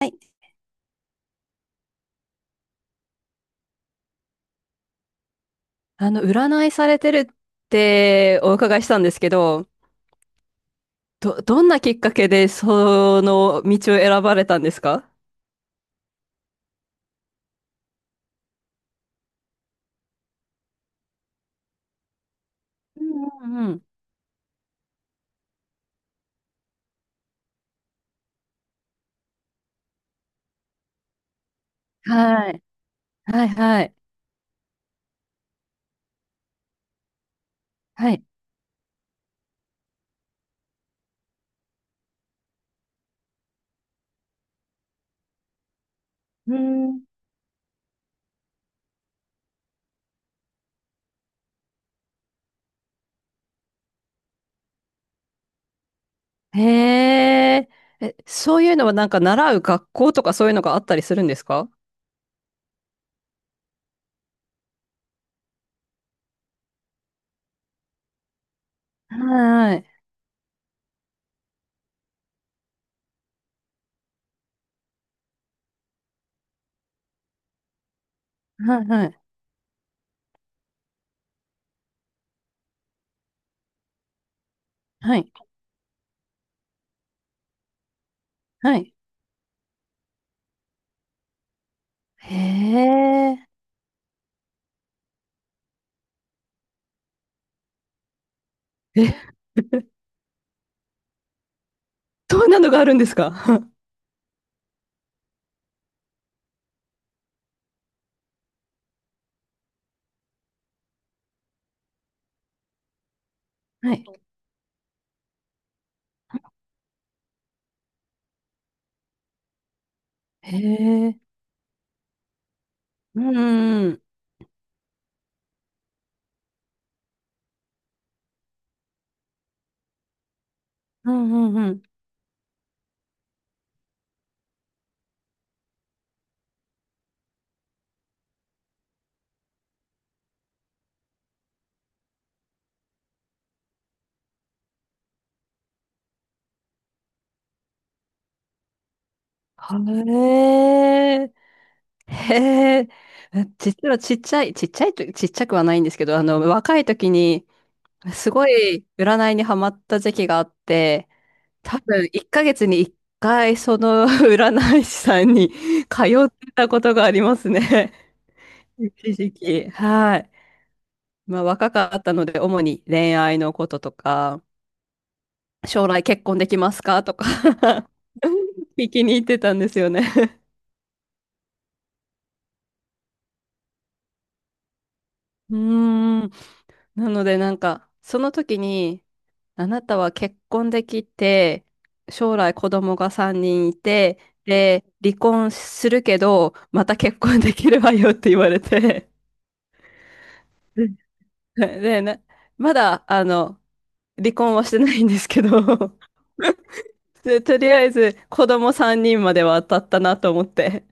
はい。占いされてるってお伺いしたんですけど、どんなきっかけでその道を選ばれたんですか？うんうんうん。はい。はいはい。はい。うん。へえ。え、そういうのはなんか習う学校とかそういうのがあったりするんですか？はいはい。はいはい。はい。へえ。え、どんなのがあるんですか？ はい。へえ。うんうんうん。うんうん。へえ、へえ、実はちっちゃくはないんですけど、若い時に、すごい占いにハマった時期があって、多分1ヶ月に1回その 占い師さんに通ってたことがありますね。一時期。はい。まあ若かったので、主に恋愛のこととか、将来結婚できますかとか 聞きに行ってたんですよね。うーん。なのでなんか、その時に、あなたは結婚できて、将来子供が3人いて、で、離婚するけど、また結婚できるわよって言われて、うん。 で、まだ、離婚はしてないんですけど、で、とりあえず子供3人までは当たったなと思って。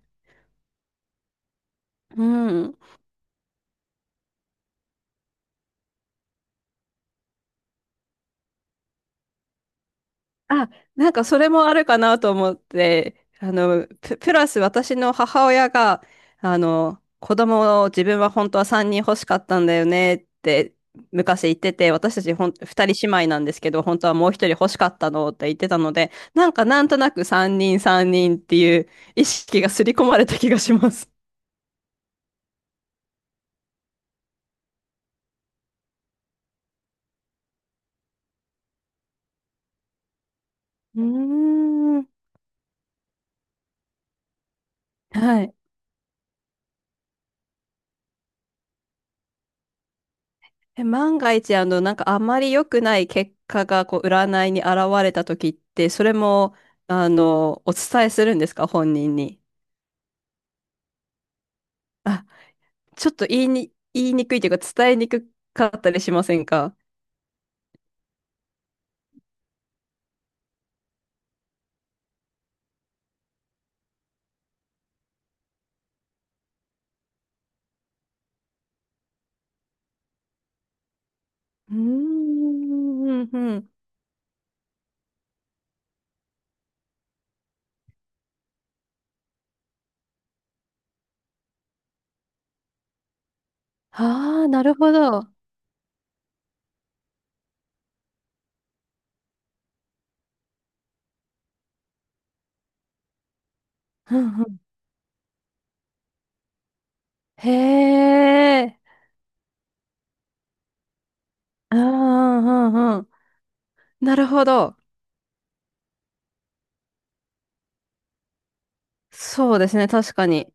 うん。あ、なんかそれもあるかなと思って、プラス私の母親が、子供を自分は本当は3人欲しかったんだよねって昔言ってて、私たち2人姉妹なんですけど、本当はもう1人欲しかったのって言ってたので、なんかなんとなく3人3人っていう意識が刷り込まれた気がします。うーん。はい。え、万が一、なんかあまり良くない結果が、占いに現れた時って、それも、お伝えするんですか、本人に？あ、ちょっと言いにくいというか、伝えにくかったりしませんか？うーん、うん、うん。ああ、なるほど。うんうん。へえ。うんうんうんうん。なるほど。そうですね、確かに。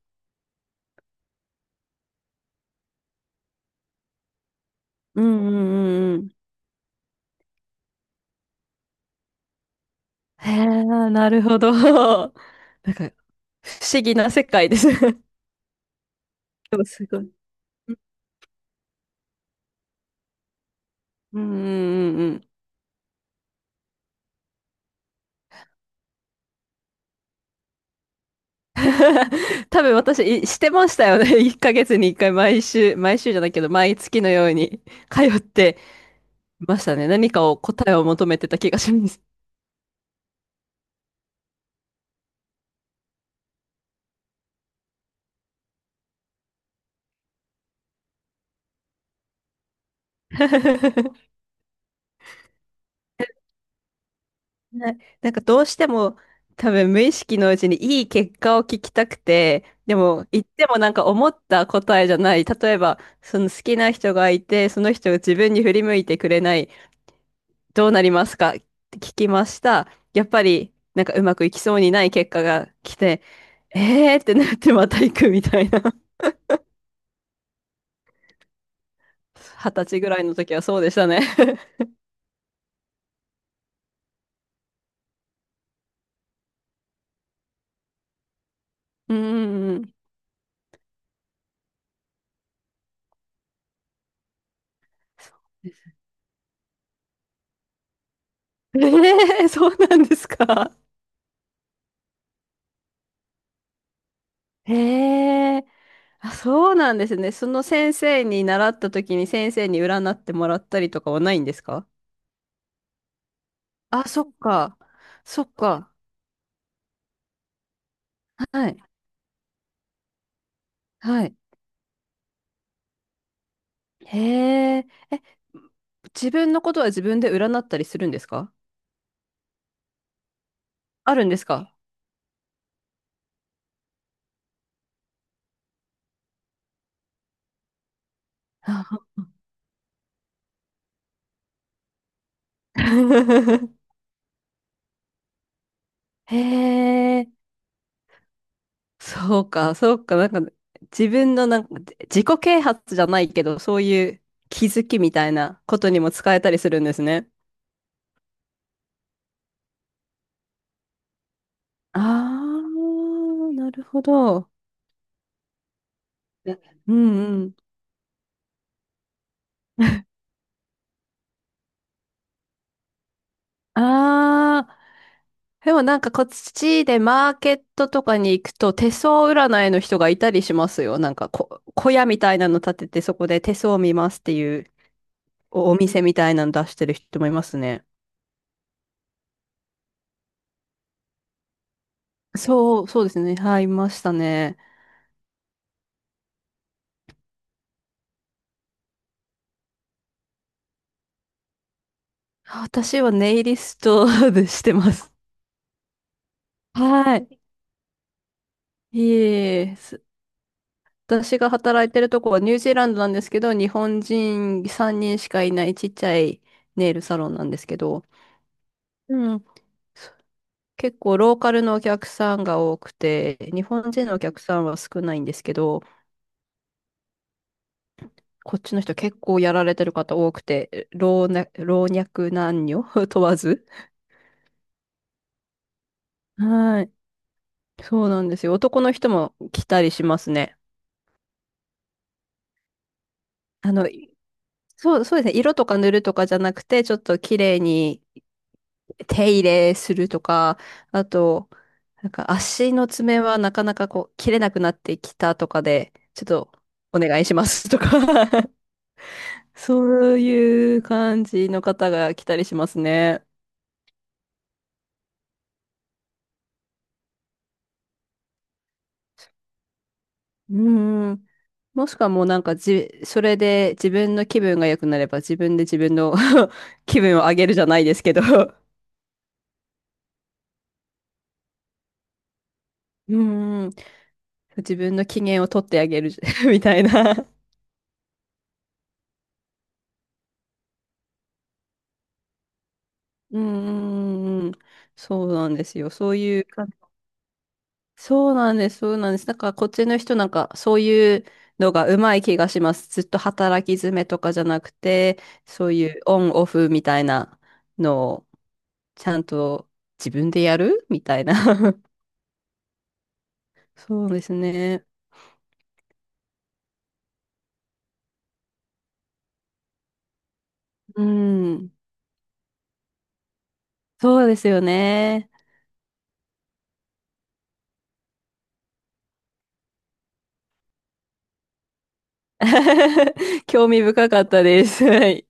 うんうんうんうん。へえ、なるほど。なんか、不思議な世界です。でもすごい。うんうんうんうん。多分私、いしてましたよね。1ヶ月に1回毎週、毎週じゃないけど、毎月のように通ってましたね。何かを答えを求めてた気がします。はい。なんかどうしても多分無意識のうちにいい結果を聞きたくて、でも言ってもなんか思った答えじゃない。例えば、その好きな人がいて、その人が自分に振り向いてくれない。どうなりますかって聞きました。やっぱりなんかうまくいきそうにない結果が来て、えーってなってまた行くみたいな。二十歳ぐらいの時はそうでしたね。うんうんうん。そうです。 えー、そうなんですか。へえ。あ、そうなんですね。その先生に習った時に先生に占ってもらったりとかはないんですか？あ、そっか。そっか。はい。はい。へえ。え、自分のことは自分で占ったりするんですか？あるんですか？あ へえ。そうか、そうか。なんか、自分のなんか、自己啓発じゃないけど、そういう気づきみたいなことにも使えたりするんですね。ああ、なるほど。うんうん。ああ、でもなんかこっちでマーケットとかに行くと手相占いの人がいたりしますよ。なんか小屋みたいなの建ててそこで手相を見ますっていうお店みたいなの出してる人もいますね。そう、そうですね。はい、いましたね。私はネイリストでしてます。はい。いえいえ、す私が働いてるとこはニュージーランドなんですけど、日本人3人しかいないちっちゃいネイルサロンなんですけど、うん。結構ローカルのお客さんが多くて、日本人のお客さんは少ないんですけど、こっちの人結構やられてる方多くて、老若男女 問わず。はい。そうなんですよ。男の人も来たりしますね。あの、そう、そうですね。色とか塗るとかじゃなくて、ちょっと綺麗に手入れするとか、あと、なんか足の爪はなかなかこう切れなくなってきたとかで、ちょっとお願いしますとか そういう感じの方が来たりしますね。うん。もしくはもうなんかそれで自分の気分が良くなれば自分で自分の 気分を上げるじゃないですけど。うん。自分の機嫌を取ってあげる みたいな。うん。そうなんですよ。そういう感そうなんです、そうなんです。だからこっちの人なんかそういうのがうまい気がします。ずっと働き詰めとかじゃなくて、そういうオンオフみたいなのをちゃんと自分でやるみたいな。そうですね。うん。そうですよね。興味深かったです。はい。